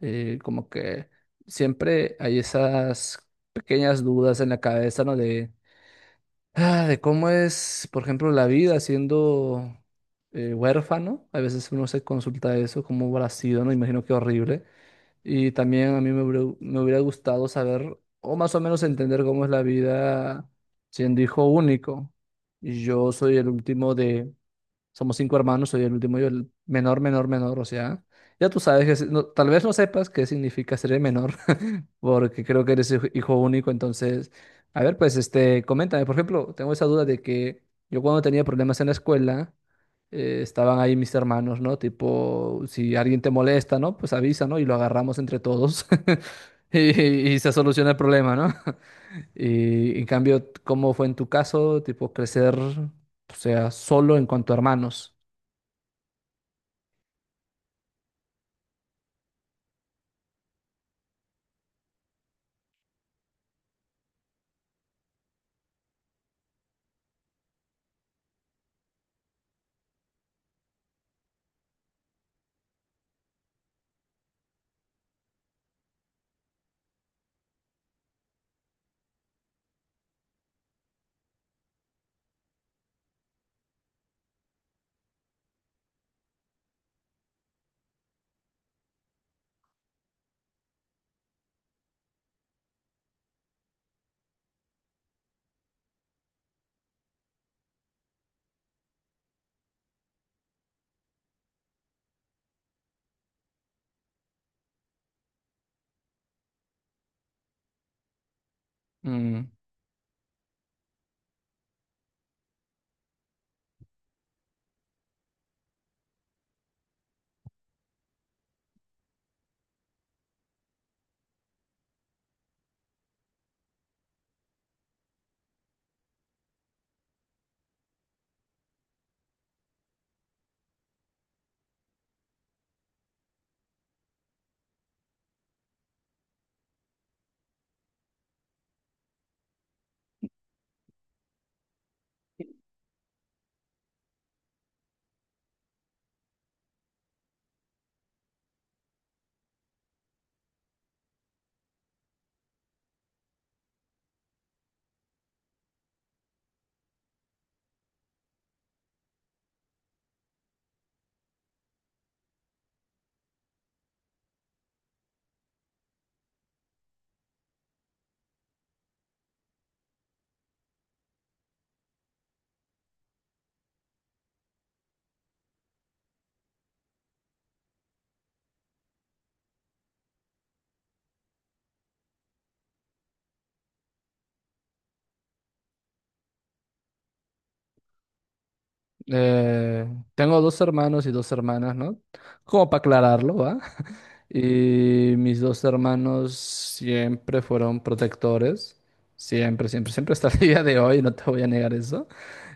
Como que siempre hay esas pequeñas dudas en la cabeza, ¿no? De cómo es, por ejemplo, la vida siendo huérfano. A veces uno se consulta eso, cómo habrá sido, ¿no? Imagino que horrible. Y también a mí me hubiera gustado saber, o más o menos entender cómo es la vida siendo hijo único. Y yo soy el último de. Somos cinco hermanos, soy el último, yo el menor, menor, menor, o sea, ya tú sabes que no, tal vez no sepas qué significa ser el menor, porque creo que eres hijo único, entonces, a ver, pues, este, coméntame, por ejemplo, tengo esa duda de que yo cuando tenía problemas en la escuela, estaban ahí mis hermanos, ¿no? Tipo, si alguien te molesta, ¿no? Pues avisa, ¿no? Y lo agarramos entre todos y, y se soluciona el problema, ¿no? Y en cambio, ¿cómo fue en tu caso, tipo, crecer, o sea, solo en cuanto a hermanos? Mm. eh, Tengo dos hermanos y dos hermanas, ¿no? Como para aclararlo, ¿va? Y mis dos hermanos siempre fueron protectores, siempre, siempre, siempre hasta el día de hoy, no te voy a negar eso.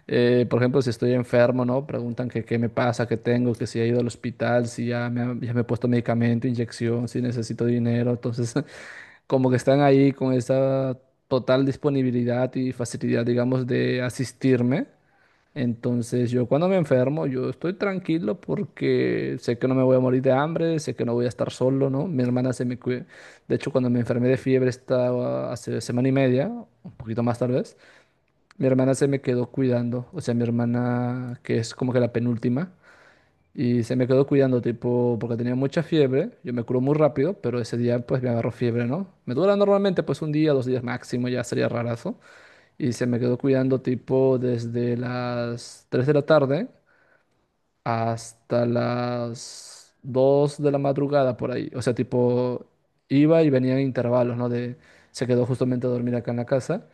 Por ejemplo, si estoy enfermo, ¿no? Preguntan que qué me pasa, qué tengo, que si he ido al hospital, si ya me he puesto medicamento, inyección, si necesito dinero. Entonces, como que están ahí con esa total disponibilidad y facilidad, digamos, de asistirme. Entonces yo cuando me enfermo, yo estoy tranquilo porque sé que no me voy a morir de hambre, sé que no voy a estar solo, ¿no? Mi hermana se me cuida. De hecho, cuando me enfermé de fiebre estaba hace semana y media, un poquito más tal vez, mi hermana se me quedó cuidando, o sea, mi hermana que es como que la penúltima, y se me quedó cuidando tipo porque tenía mucha fiebre, yo me curo muy rápido, pero ese día pues me agarró fiebre, ¿no? Me dura normalmente pues un día, 2 días máximo, ya sería rarazo y se me quedó cuidando tipo desde las 3 de la tarde hasta las 2 de la madrugada por ahí. O sea, tipo iba y venía en intervalos, ¿no? De, se quedó justamente a dormir acá en la casa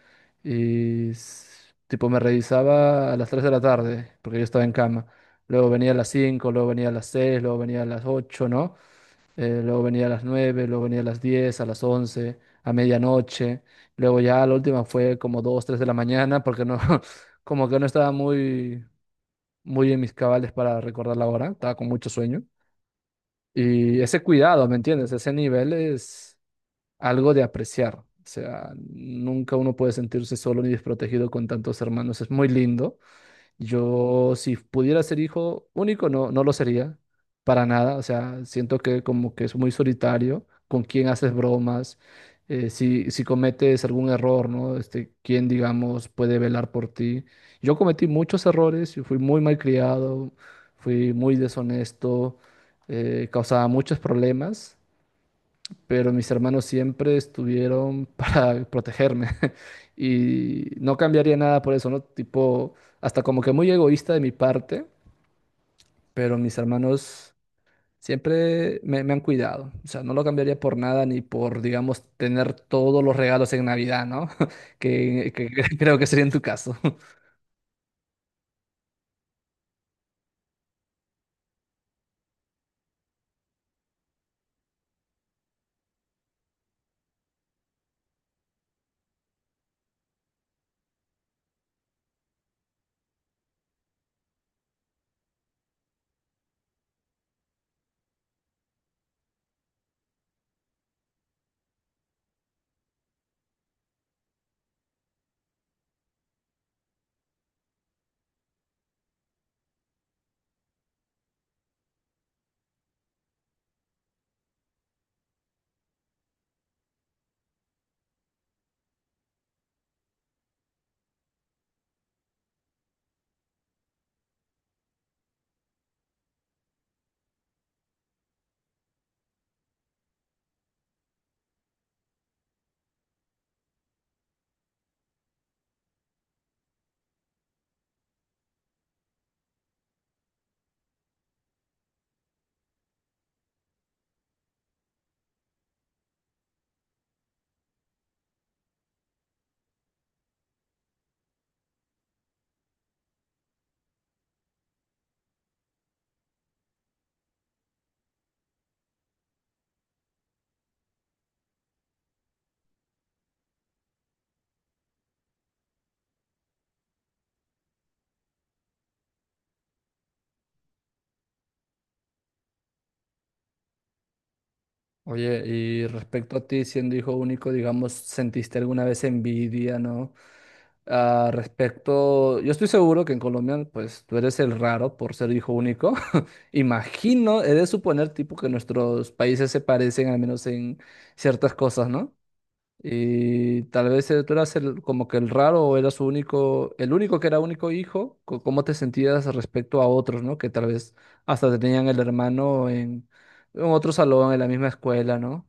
y tipo me revisaba a las 3 de la tarde porque yo estaba en cama. Luego venía a las 5, luego venía a las 6, luego venía a las 8, ¿no? Luego venía a las 9, luego venía a las 10, a las 11, a medianoche, luego ya la última fue como 2 3 de la mañana, porque no, como que no estaba muy, muy en mis cabales para recordar la hora, estaba con mucho sueño. Y ese cuidado, ¿me entiendes? Ese nivel es algo de apreciar. O sea, nunca uno puede sentirse solo ni desprotegido con tantos hermanos. Es muy lindo. Yo, si pudiera ser hijo único, no, no lo sería, para nada. O sea, siento que como que es muy solitario, con quién haces bromas, si, si cometes algún error, ¿no? Este, quién, digamos, puede velar por ti. Yo cometí muchos errores, yo fui muy mal criado, fui muy deshonesto, causaba muchos problemas, pero mis hermanos siempre estuvieron para protegerme y no cambiaría nada por eso, ¿no? Tipo, hasta como que muy egoísta de mi parte, pero mis hermanos siempre me han cuidado, o sea, no lo cambiaría por nada ni por, digamos, tener todos los regalos en Navidad, ¿no? Que creo que sería en tu caso. Oye, y respecto a ti siendo hijo único, digamos, ¿sentiste alguna vez envidia?, ¿no? Ah, respecto, yo estoy seguro que en Colombia, pues tú eres el raro por ser hijo único. Imagino, he de suponer, tipo, que nuestros países se parecen al menos en ciertas cosas, ¿no? Y tal vez tú eras el, como que el raro o eras único, el único que era único hijo, ¿cómo te sentías respecto a otros?, ¿no? Que tal vez hasta tenían el hermano en otro salón, en la misma escuela, ¿no?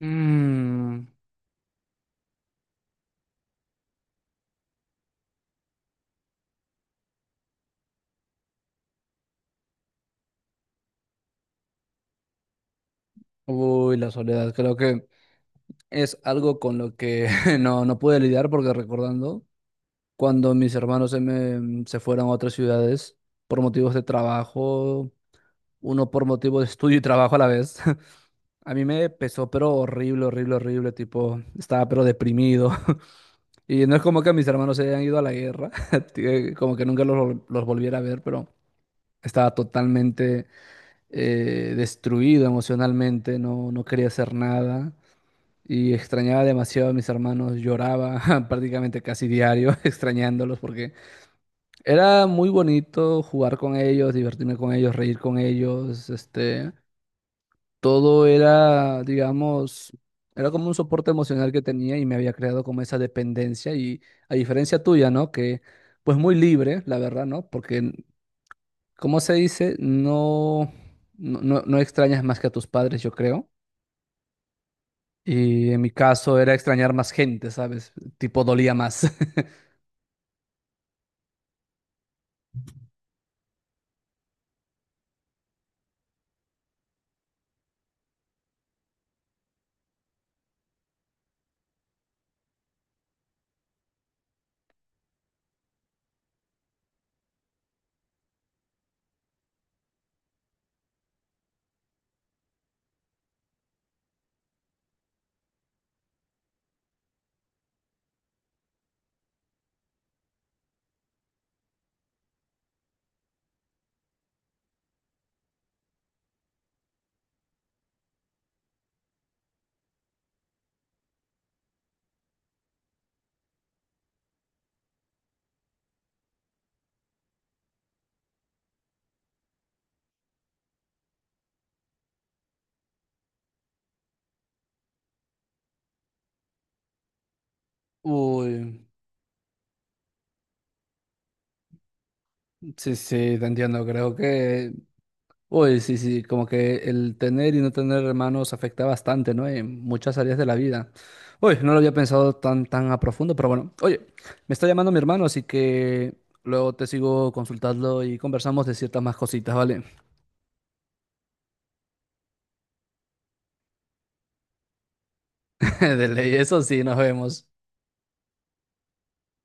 Mm. Uy, la soledad, creo que. Es algo con lo que no, no pude lidiar porque recordando, cuando mis hermanos se fueron a otras ciudades por motivos de trabajo, uno por motivo de estudio y trabajo a la vez, a mí me pesó, pero horrible, horrible, horrible, tipo, estaba pero deprimido. Y no es como que mis hermanos se hayan ido a la guerra, que como que nunca los volviera a ver, pero estaba totalmente destruido emocionalmente, no, no quería hacer nada. Y extrañaba demasiado a mis hermanos, lloraba prácticamente casi diario extrañándolos porque era muy bonito jugar con ellos, divertirme con ellos, reír con ellos, este, todo era, digamos, era como un soporte emocional que tenía y me había creado como esa dependencia y a diferencia tuya, ¿no? Que pues muy libre, la verdad, ¿no? Porque, ¿como se dice? No, no, no, no extrañas más que a tus padres, yo creo. Y en mi caso era extrañar más gente, ¿sabes? Tipo, dolía más. Uy, sí, sí, te entiendo, creo que... Uy, sí, sí, como que el tener y no tener hermanos afecta bastante, ¿no? En muchas áreas de la vida. Uy, no lo había pensado tan, tan a profundo, pero bueno. Oye, me está llamando mi hermano, así que luego te sigo consultando y conversamos de ciertas más cositas, ¿vale? De ley, eso sí, nos vemos.